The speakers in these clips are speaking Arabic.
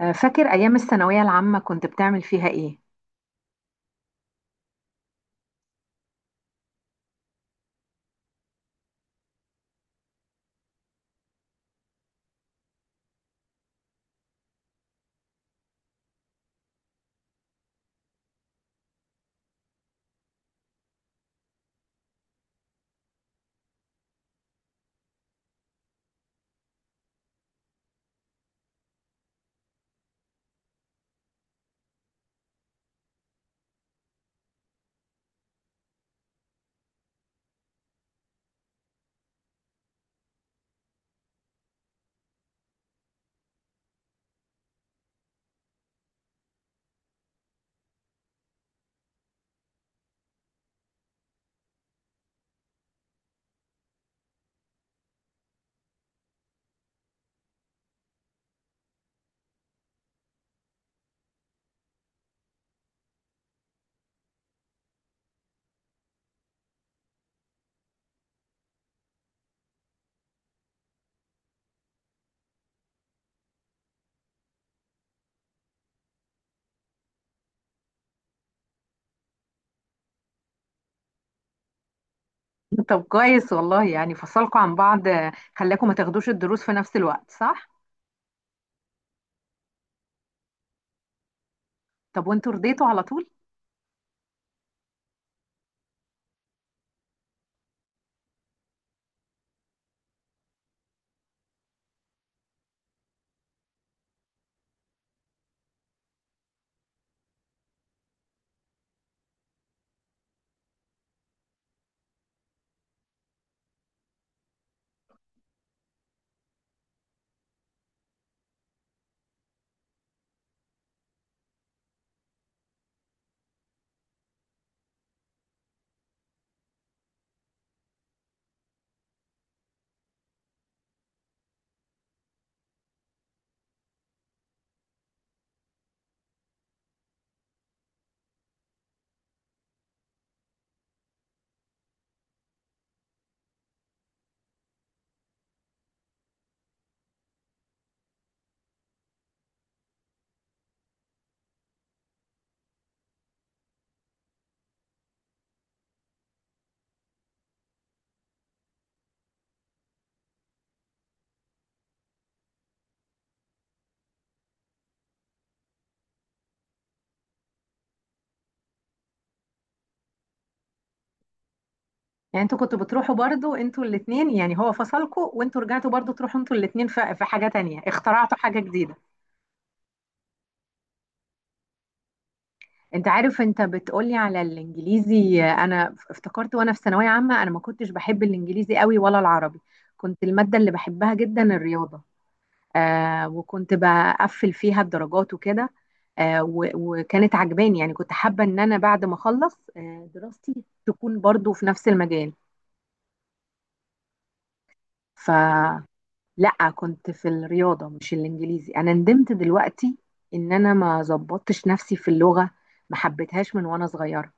فاكر أيام الثانوية العامة كنت بتعمل فيها إيه؟ طب كويس والله، يعني فصلكوا عن بعض، خلاكوا ما تاخدوش الدروس في نفس الوقت، صح؟ طب، وانتوا رضيتوا على طول؟ يعني انتوا كنتوا بتروحوا برضو انتوا الاتنين، يعني هو فصلكوا وانتوا رجعتوا برضو تروحوا انتوا الاتنين، في حاجة تانية، اخترعتوا حاجة جديدة. انت عارف، انت بتقولي على الانجليزي. انا افتكرت وانا في ثانوية عامة، انا ما كنتش بحب الانجليزي قوي ولا العربي. كنت المادة اللي بحبها جدا الرياضة. وكنت بقفل فيها الدرجات وكده. وكانت عجباني، يعني كنت حابة ان انا بعد ما اخلص دراستي تكون برضو في نفس المجال. فلا، كنت في الرياضة مش الانجليزي. انا ندمت دلوقتي ان انا ما ظبطتش نفسي في اللغة، ما حبيتهاش من وانا صغيرة.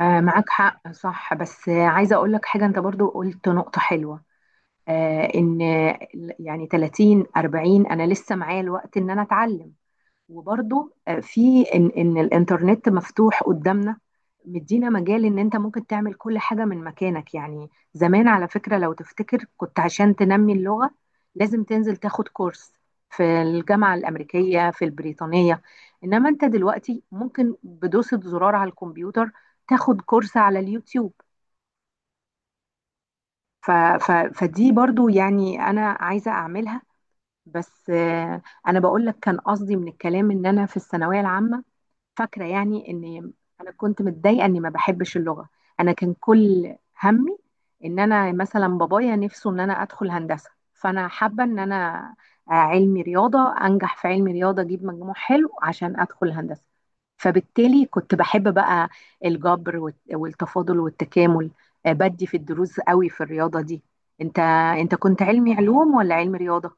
معاك حق، صح. بس عايزة اقول لك حاجة، انت برضو قلت نقطة حلوة. ان يعني 30 40، انا لسه معايا الوقت ان انا اتعلم. وبرضه في ان الانترنت مفتوح قدامنا، مدينا مجال ان انت ممكن تعمل كل حاجه من مكانك. يعني زمان، على فكره، لو تفتكر، كنت عشان تنمي اللغه لازم تنزل تاخد كورس في الجامعه الامريكيه، في البريطانيه. انما انت دلوقتي ممكن بدوسه زرار على الكمبيوتر تاخد كورس على اليوتيوب. ف ف فدي برضو، يعني انا عايزه اعملها. بس انا بقول لك كان قصدي من الكلام ان انا في الثانويه العامه فاكرة. يعني إن أنا كنت متضايقة إني ما بحبش اللغة. أنا كان كل همي إن أنا مثلا بابايا نفسه إن أنا أدخل هندسة، فأنا حابة إن أنا علمي رياضة، أنجح في علمي رياضة، أجيب مجموع حلو عشان أدخل هندسة. فبالتالي كنت بحب بقى الجبر والتفاضل والتكامل. بدي في الدروس قوي في الرياضة دي. انت انت كنت علمي علوم ولا علمي رياضة؟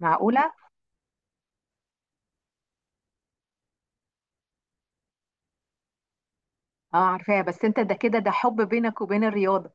معقولة؟ اه، عارفاها. بس انت ده كده، ده حب بينك وبين الرياضة.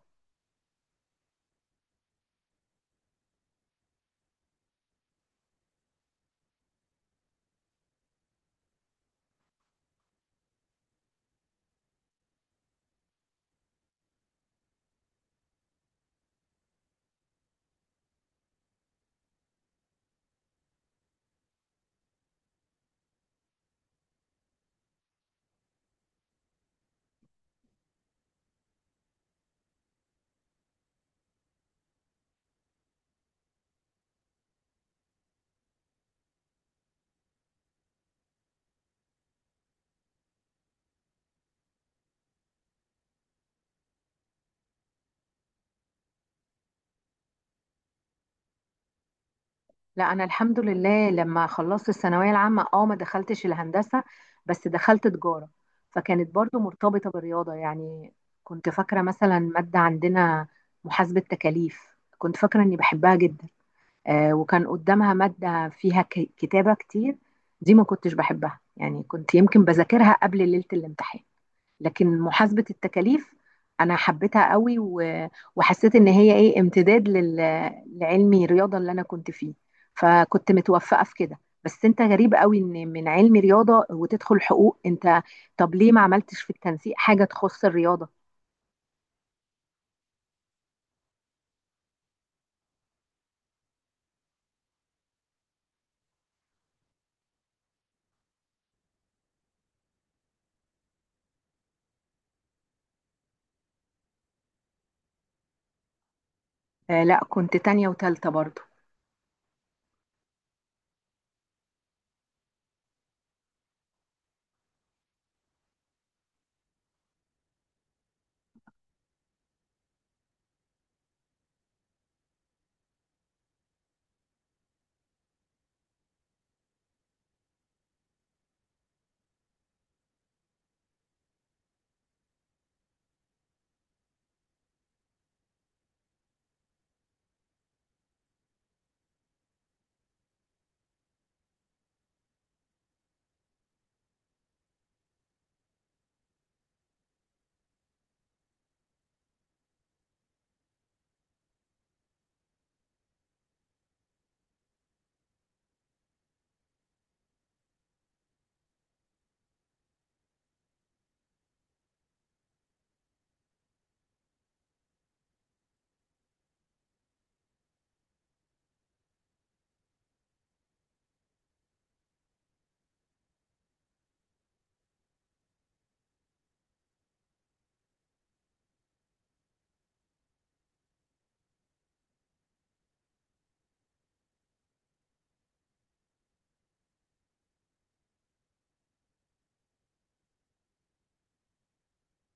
لا، انا الحمد لله لما خلصت الثانويه العامه، اه، ما دخلتش الهندسه، بس دخلت تجاره، فكانت برضو مرتبطه بالرياضه يعني. كنت فاكره مثلا ماده عندنا، محاسبه تكاليف، كنت فاكره اني بحبها جدا. وكان قدامها ماده فيها كتابه كتير، دي ما كنتش بحبها، يعني كنت يمكن بذاكرها قبل ليله الامتحان. لكن محاسبة التكاليف انا حبيتها قوي. وحسيت ان هي ايه امتداد لعلمي رياضة اللي انا كنت فيه، فكنت متوفقة في كده. بس انت غريب قوي، ان من علم رياضة وتدخل حقوق. انت طب ليه ما عملتش في التنسيق حاجة تخص الرياضة؟ لا، كنت تانية وتالتة برضو.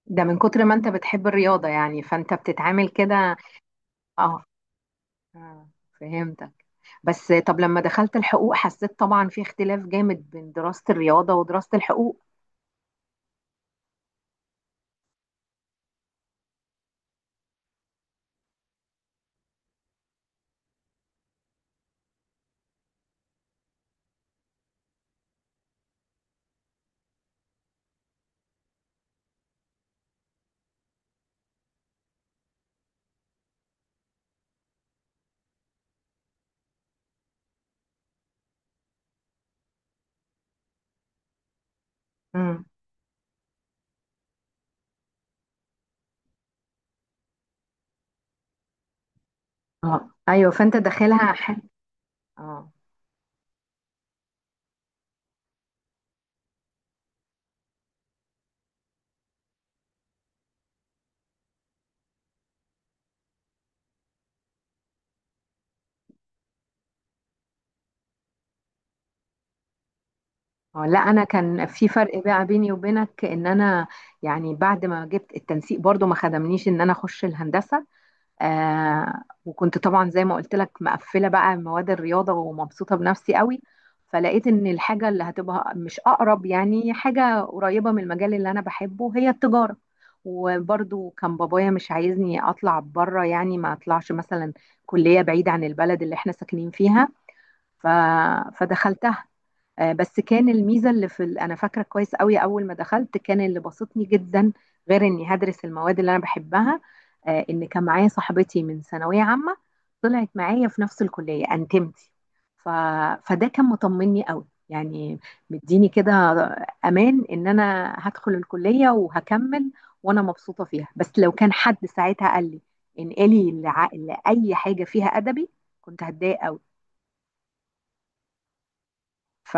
ده من كتر ما انت بتحب الرياضة، يعني فانت بتتعامل كده. اه. آه، فهمتك. بس طب لما دخلت الحقوق حسيت طبعا في اختلاف جامد بين دراسة الرياضة ودراسة الحقوق. مم. اه، ايوه، فانت داخلها اه، اه، لا، انا كان في فرق بقى بيني وبينك ان انا، يعني بعد ما جبت التنسيق برضو ما خدمنيش ان انا اخش الهندسه. وكنت طبعا زي ما قلت لك مقفله بقى مواد الرياضه ومبسوطه بنفسي قوي. فلقيت ان الحاجه اللي هتبقى مش اقرب، يعني حاجه قريبه من المجال اللي انا بحبه، هي التجاره. وبرضو كان بابايا مش عايزني اطلع بره، يعني ما اطلعش مثلا كليه بعيده عن البلد اللي احنا ساكنين فيها. ف... فدخلتها. بس كان الميزه اللي في انا فاكره كويس قوي، اول ما دخلت كان اللي بسطني جدا، غير اني هدرس المواد اللي انا بحبها ان كان معايا صاحبتي من ثانويه عامه طلعت معايا في نفس الكليه انتمتي. ف... فده كان مطمني قوي، يعني مديني كده امان ان انا هدخل الكليه وهكمل وانا مبسوطه فيها. بس لو كان حد ساعتها قال لي انقلي لاي حاجه فيها ادبي، كنت هتضايق قوي. ف...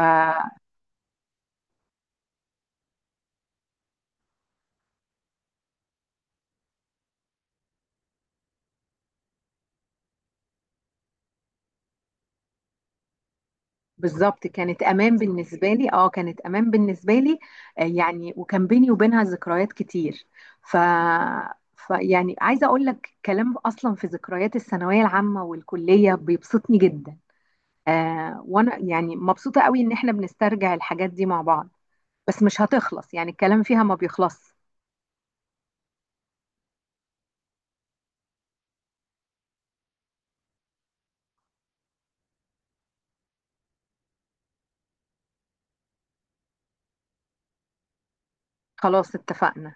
بالظبط، كانت امان بالنسبه لي. اه، كانت امان بالنسبه لي. يعني وكان بيني وبينها ذكريات كتير. ف ف يعني عايزه اقول لك كلام، اصلا في ذكريات الثانويه العامه والكليه بيبسطني جدا. وانا يعني مبسوطه قوي ان احنا بنسترجع الحاجات دي مع بعض. بس مش هتخلص، يعني الكلام فيها ما بيخلص. خلاص، اتفقنا.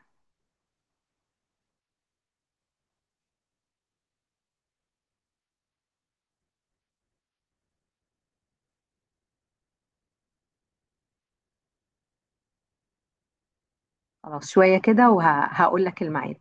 خلاص، شويه كده وهقول لك الميعاد.